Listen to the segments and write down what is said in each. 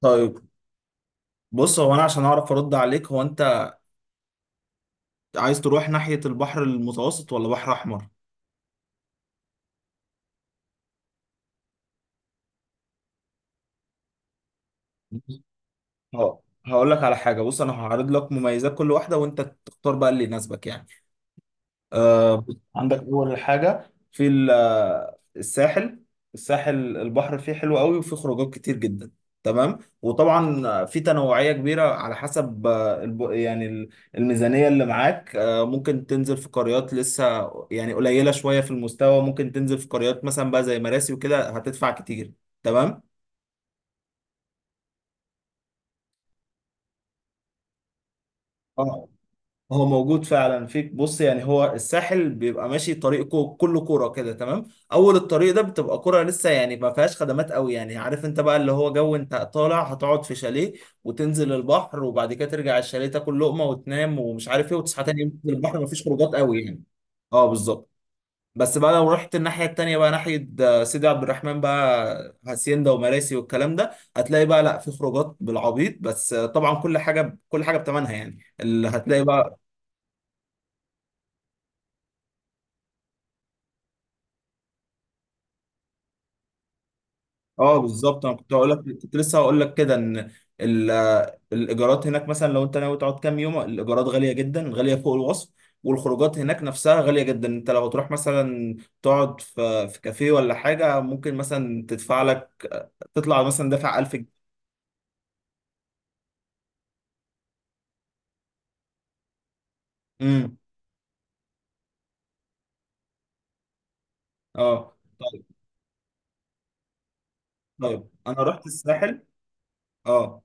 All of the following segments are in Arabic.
طيب. بص، هو انا عشان اعرف ارد عليك، هو انت عايز تروح ناحية البحر المتوسط ولا بحر احمر؟ اه، هقول لك على حاجة. بص، انا هعرض لك مميزات كل واحدة وانت تختار بقى اللي يناسبك يعني. آه، عندك اول حاجه في ال- آه، الساحل. البحر فيه حلو قوي وفيه خروجات كتير جدا. تمام. وطبعا في تنوعية كبيرة على حسب، الميزانية اللي معاك. ممكن تنزل في قريات لسه يعني قليلة شوية في المستوى، ممكن تنزل في قريات مثلا بقى زي مراسي وكده هتدفع كتير. تمام. هو موجود فعلا فيك. بص يعني هو الساحل بيبقى ماشي طريق كله كوره كده. تمام. اول الطريق ده بتبقى كوره لسه، يعني ما فيهاش خدمات قوي، يعني عارف انت بقى اللي هو جو، انت طالع هتقعد في شاليه وتنزل البحر وبعد كده ترجع الشاليه تاكل لقمه وتنام ومش عارف ايه وتصحى تاني يوم تنزل البحر، ما فيش خروجات قوي يعني. اه بالظبط. بس بقى لو رحت الناحيه التانيه بقى، ناحيه سيدي عبد الرحمن بقى، هاسيندا ومراسي والكلام ده، هتلاقي بقى لا في خروجات بالعبيط، بس طبعا كل حاجه كل حاجه بثمنها، يعني اللي هتلاقي بقى. اه بالظبط، انا كنت هقول لك، كنت لسه هقول لك كده ان ال- الايجارات هناك مثلا لو انت ناوي تقعد كام يوم، الايجارات غاليه جدا، غاليه فوق الوصف. والخروجات هناك نفسها غاليه جدا. انت لو تروح مثلا تقعد في كافيه ولا حاجه، ممكن مثلا تدفع لك، تطلع مثلا دافع 1000 جنيه. امم. اه طيب. طيب، انا رحت الساحل. اه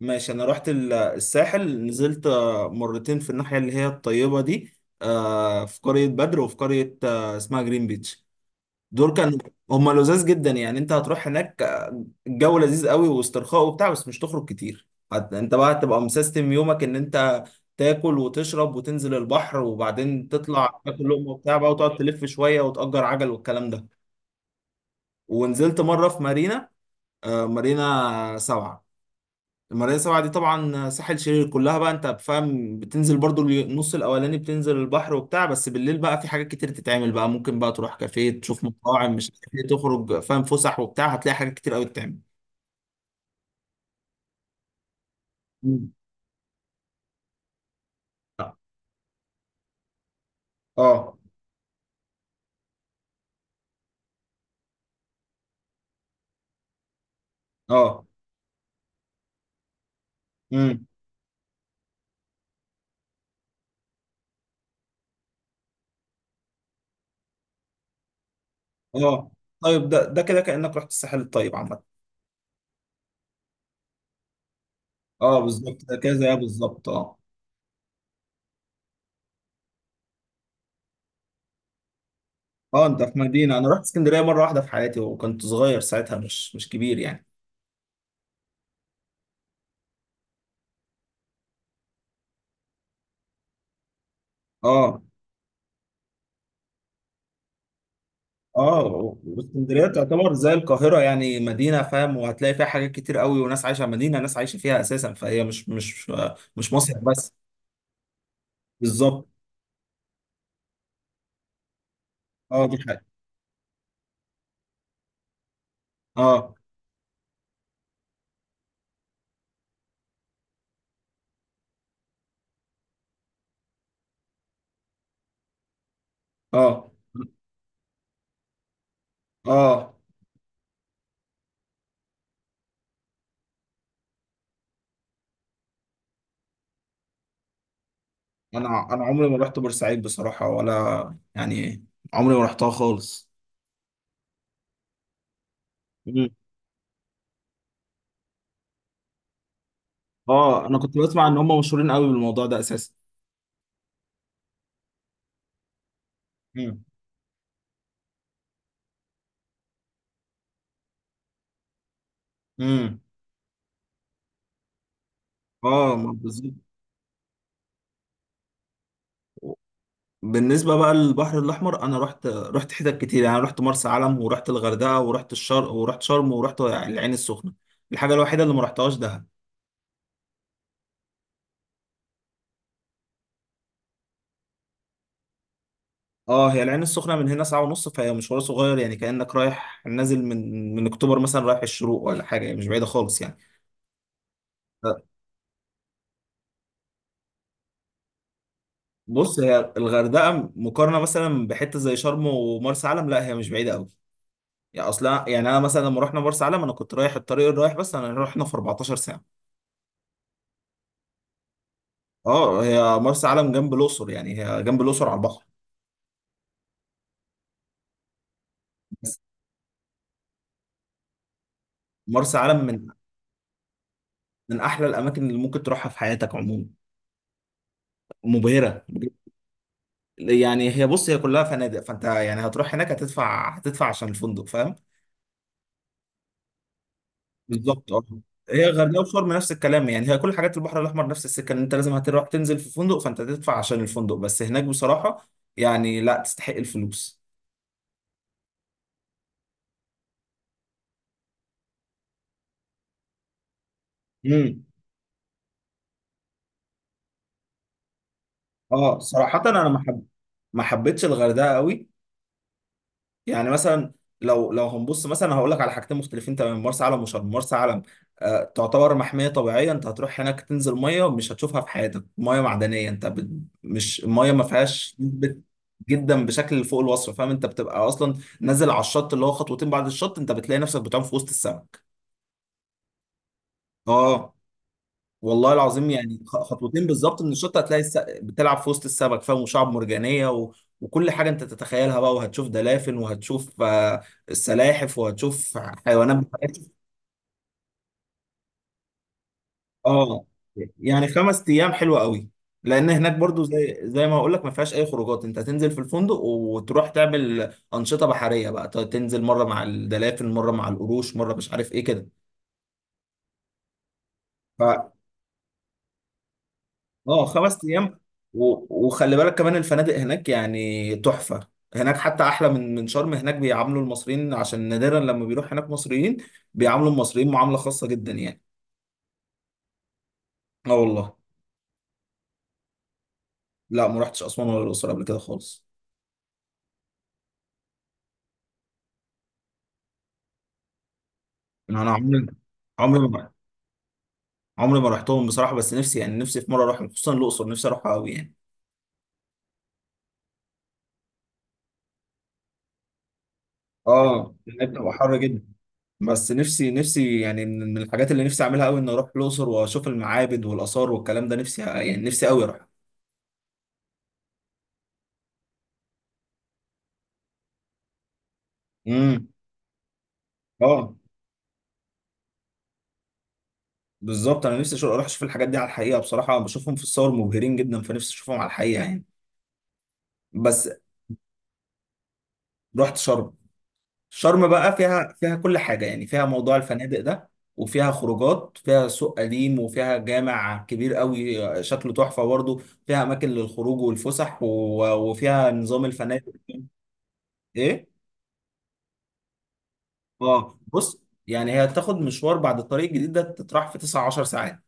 ماشي. انا رحت الساحل، نزلت مرتين في الناحيه اللي هي الطيبه دي، في قريه بدر وفي قريه اسمها جرين بيتش. دول كانوا هم لذاذ جدا يعني. انت هتروح هناك الجو لذيذ قوي واسترخاء وبتاع، بس مش تخرج كتير. انت بقى هتبقى مسيستم يومك ان انت تاكل وتشرب وتنزل البحر، وبعدين تطلع تاكل لقمه وبتاع بقى، وتقعد تلف شويه وتأجر عجل والكلام ده. ونزلت مره في مارينا، مارينا سبعة. المرايه سبعة دي طبعا ساحل شرير كلها بقى، انت بفهم بتنزل برضو النص الاولاني بتنزل البحر وبتاع، بس بالليل بقى في حاجات كتير تتعمل بقى، ممكن بقى تروح كافيه، تشوف مطاعم، مش عارف ايه، تخرج فاهم، فسح وبتاع، هتلاقي حاجات كتير قوي تتعمل. مم. اه اه. امم. اه طيب، ده كده كأنك رحت الساحل الطيب عامة. اه بالظبط، ده كده زيها بالظبط اه. اه، انت في مدينة. انا رحت اسكندرية مرة واحدة في حياتي وكنت صغير ساعتها، مش كبير يعني. اه اه. اسكندريه تعتبر زي القاهره، يعني مدينه فاهم، وهتلاقي فيها حاجات كتير قوي، وناس عايشه مدينه، ناس عايشه فيها اساسا، فهي مش مصيف بس. بالظبط. اه دي حاجه اه اه اه. انا عمري ما رحت بورسعيد بصراحه ولا يعني، عمري ما رحتها خالص. مم. اه، انا كنت بسمع ان هم مشهورين قوي بالموضوع ده اساسا. امم امم. اه ما بالظبط. بالنسبة بقى للبحر الأحمر، أنا رحت حتت كتير، يعني رحت مرسى علم، ورحت الغردقة، ورحت الشرق، ورحت شرم، ورحت العين السخنة. الحاجة الوحيدة اللي ما رحتهاش دهب. اه، هي العين السخنة من هنا ساعة ونص، فهي مشوار صغير، يعني كأنك رايح نازل من أكتوبر مثلا، رايح الشروق ولا حاجة، يعني مش بعيدة خالص يعني. ف- بص، هي الغردقة مقارنة مثلا بحتة زي شرم ومرسى علم، لا هي مش بعيدة أوي، يعني أصلا، يعني أنا مثلا لما رحنا مرسى علم، أنا كنت رايح الطريق الرايح بس، أنا رحنا في 14 ساعة. اه، هي مرسى علم جنب الاقصر، يعني هي جنب الاقصر على البحر. بس مرسى علم من احلى الاماكن اللي ممكن تروحها في حياتك عموما، مبهره بجد. يعني هي، بص، هي كلها فنادق، فانت يعني هتروح هناك هتدفع عشان الفندق فاهم. بالظبط اه. هي غردقه وشرم نفس الكلام، يعني هي كل حاجات البحر الاحمر نفس السكه، ان انت لازم هتروح تنزل في فندق، فانت هتدفع عشان الفندق. بس هناك بصراحه يعني لا تستحق الفلوس. امم. اه صراحه، انا ما حبيتش الغردقه قوي. يعني مثلا، لو هنبص مثلا هقول لك على حاجتين مختلفين تماما، مرسى علم وشرم. مرسى علم تعتبر محمية طبيعية، انت هتروح هناك تنزل مية مش هتشوفها في حياتك، مية معدنية، انت بت... مش المية ما فيهاش نسبة، جدا بشكل فوق الوصف فاهم. انت بتبقى اصلا نازل على الشط اللي هو خطوتين، بعد الشط انت بتلاقي نفسك بتعوم في وسط السمك. اه والله العظيم، يعني خطوتين بالظبط من الشط هتلاقي الس... بتلعب في وسط السمك فاهم، وشعب مرجانية و... وكل حاجة انت تتخيلها بقى، وهتشوف دلافن، وهتشوف السلاحف، وهتشوف حيوانات بحرية. اه، يعني 5 ايام حلوة قوي، لان هناك برضو زي ما هقول لك ما فيهاش اي خروجات، انت هتنزل في الفندق وتروح تعمل انشطة بحرية بقى، تنزل مرة مع الدلافن، مرة مع القروش، مرة مش عارف ايه كده. اه 5 ايام. وخلي بالك كمان الفنادق هناك يعني تحفه، هناك حتى احلى من شرم. هناك بيعاملوا المصريين، عشان نادرا لما بيروح هناك مصريين، بيعاملوا المصريين معامله خاصه جدا يعني. اه والله. لا، ما رحتش اسوان ولا الاقصر قبل كده خالص. انا أنا عمري عمري ما عمري ما رحتهم بصراحه، بس نفسي يعني، نفسي في مره اروح خصوصا الاقصر، نفسي اروحها قوي يعني. اه، هناك بتبقى حر جدا. بس نفسي يعني، من الحاجات اللي نفسي اعملها قوي ان اروح الاقصر واشوف المعابد والاثار والكلام ده، نفسي يعني، نفسي قوي اروح. امم. اه بالظبط، انا نفسي اروح اشوف الحاجات دي على الحقيقه بصراحه، بشوفهم في الصور مبهرين جدا، فنفسي اشوفهم على الحقيقه يعني. بس رحت شرم. شرم بقى فيها كل حاجه، يعني فيها موضوع الفنادق ده، وفيها خروجات، فيها سوق قديم، وفيها جامع كبير قوي شكله تحفه برضه، فيها اماكن للخروج والفسح و... وفيها نظام الفنادق. ايه؟ اه بص، يعني هي تاخد مشوار بعد الطريق الجديد ده، تتراح في 9 10 ساعات.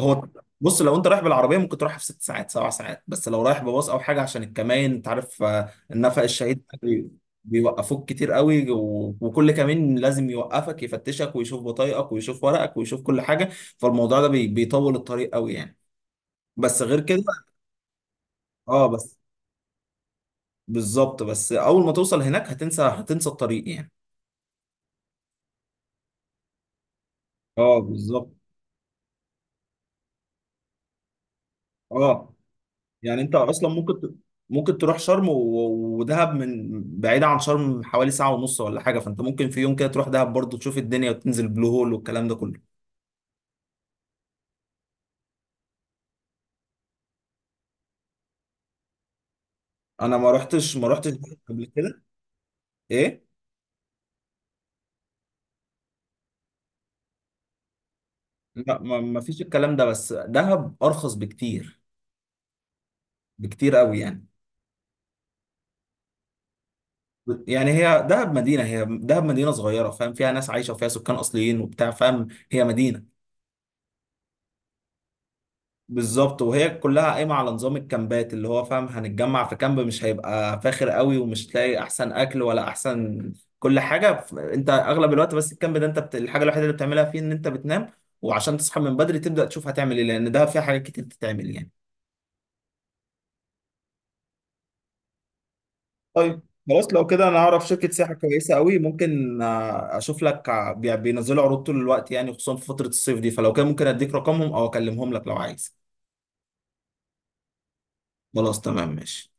هو، بص لو انت رايح بالعربيه ممكن تروحها في 6 ساعات 7 ساعات، بس لو رايح بباص او حاجه، عشان الكمائن انت عارف، النفق الشهيد بيوقفوك كتير قوي، وكل كمين لازم يوقفك، يفتشك ويشوف بطايقك ويشوف ورقك ويشوف كل حاجه، فالموضوع ده بيطول الطريق قوي يعني. بس غير كده اه، بس بالظبط، بس اول ما توصل هناك هتنسى هتنسى الطريق يعني. اه بالظبط اه، يعني انت اصلا ممكن ممكن تروح شرم ودهب، من بعيدة عن شرم حوالي ساعة ونص ولا حاجة، فانت ممكن في يوم كده تروح دهب برضو تشوف الدنيا وتنزل بلو هول والكلام ده كله. انا ما رحتش دهب قبل كده. ايه؟ لا، ما فيش الكلام ده، بس دهب ارخص بكتير، بكتير قوي يعني. يعني هي دهب مدينة، هي دهب مدينة صغيرة فاهم، فيها ناس عايشة وفيها سكان اصليين وبتاع فاهم، هي مدينة. بالظبط. وهي كلها قايمه على نظام الكامبات، اللي هو فاهم هنتجمع في كامب مش هيبقى فاخر قوي، ومش تلاقي احسن اكل ولا احسن كل حاجه، انت اغلب الوقت بس الكامب ده انت بت... الحاجه الوحيده اللي بتعملها فيه ان انت بتنام، وعشان تصحى من بدري تبدا تشوف هتعمل ايه، لان ده فيه حاجات كتير تتعمل يعني. طيب خلاص. لو كده انا اعرف شركه سياحه كويسه قوي، ممكن اشوف لك، بينزلوا عروض طول الوقت يعني، خصوصا في فتره الصيف دي، فلو كده ممكن اديك رقمهم او اكلمهم لك لو عايز. خلاص تمام ماشي.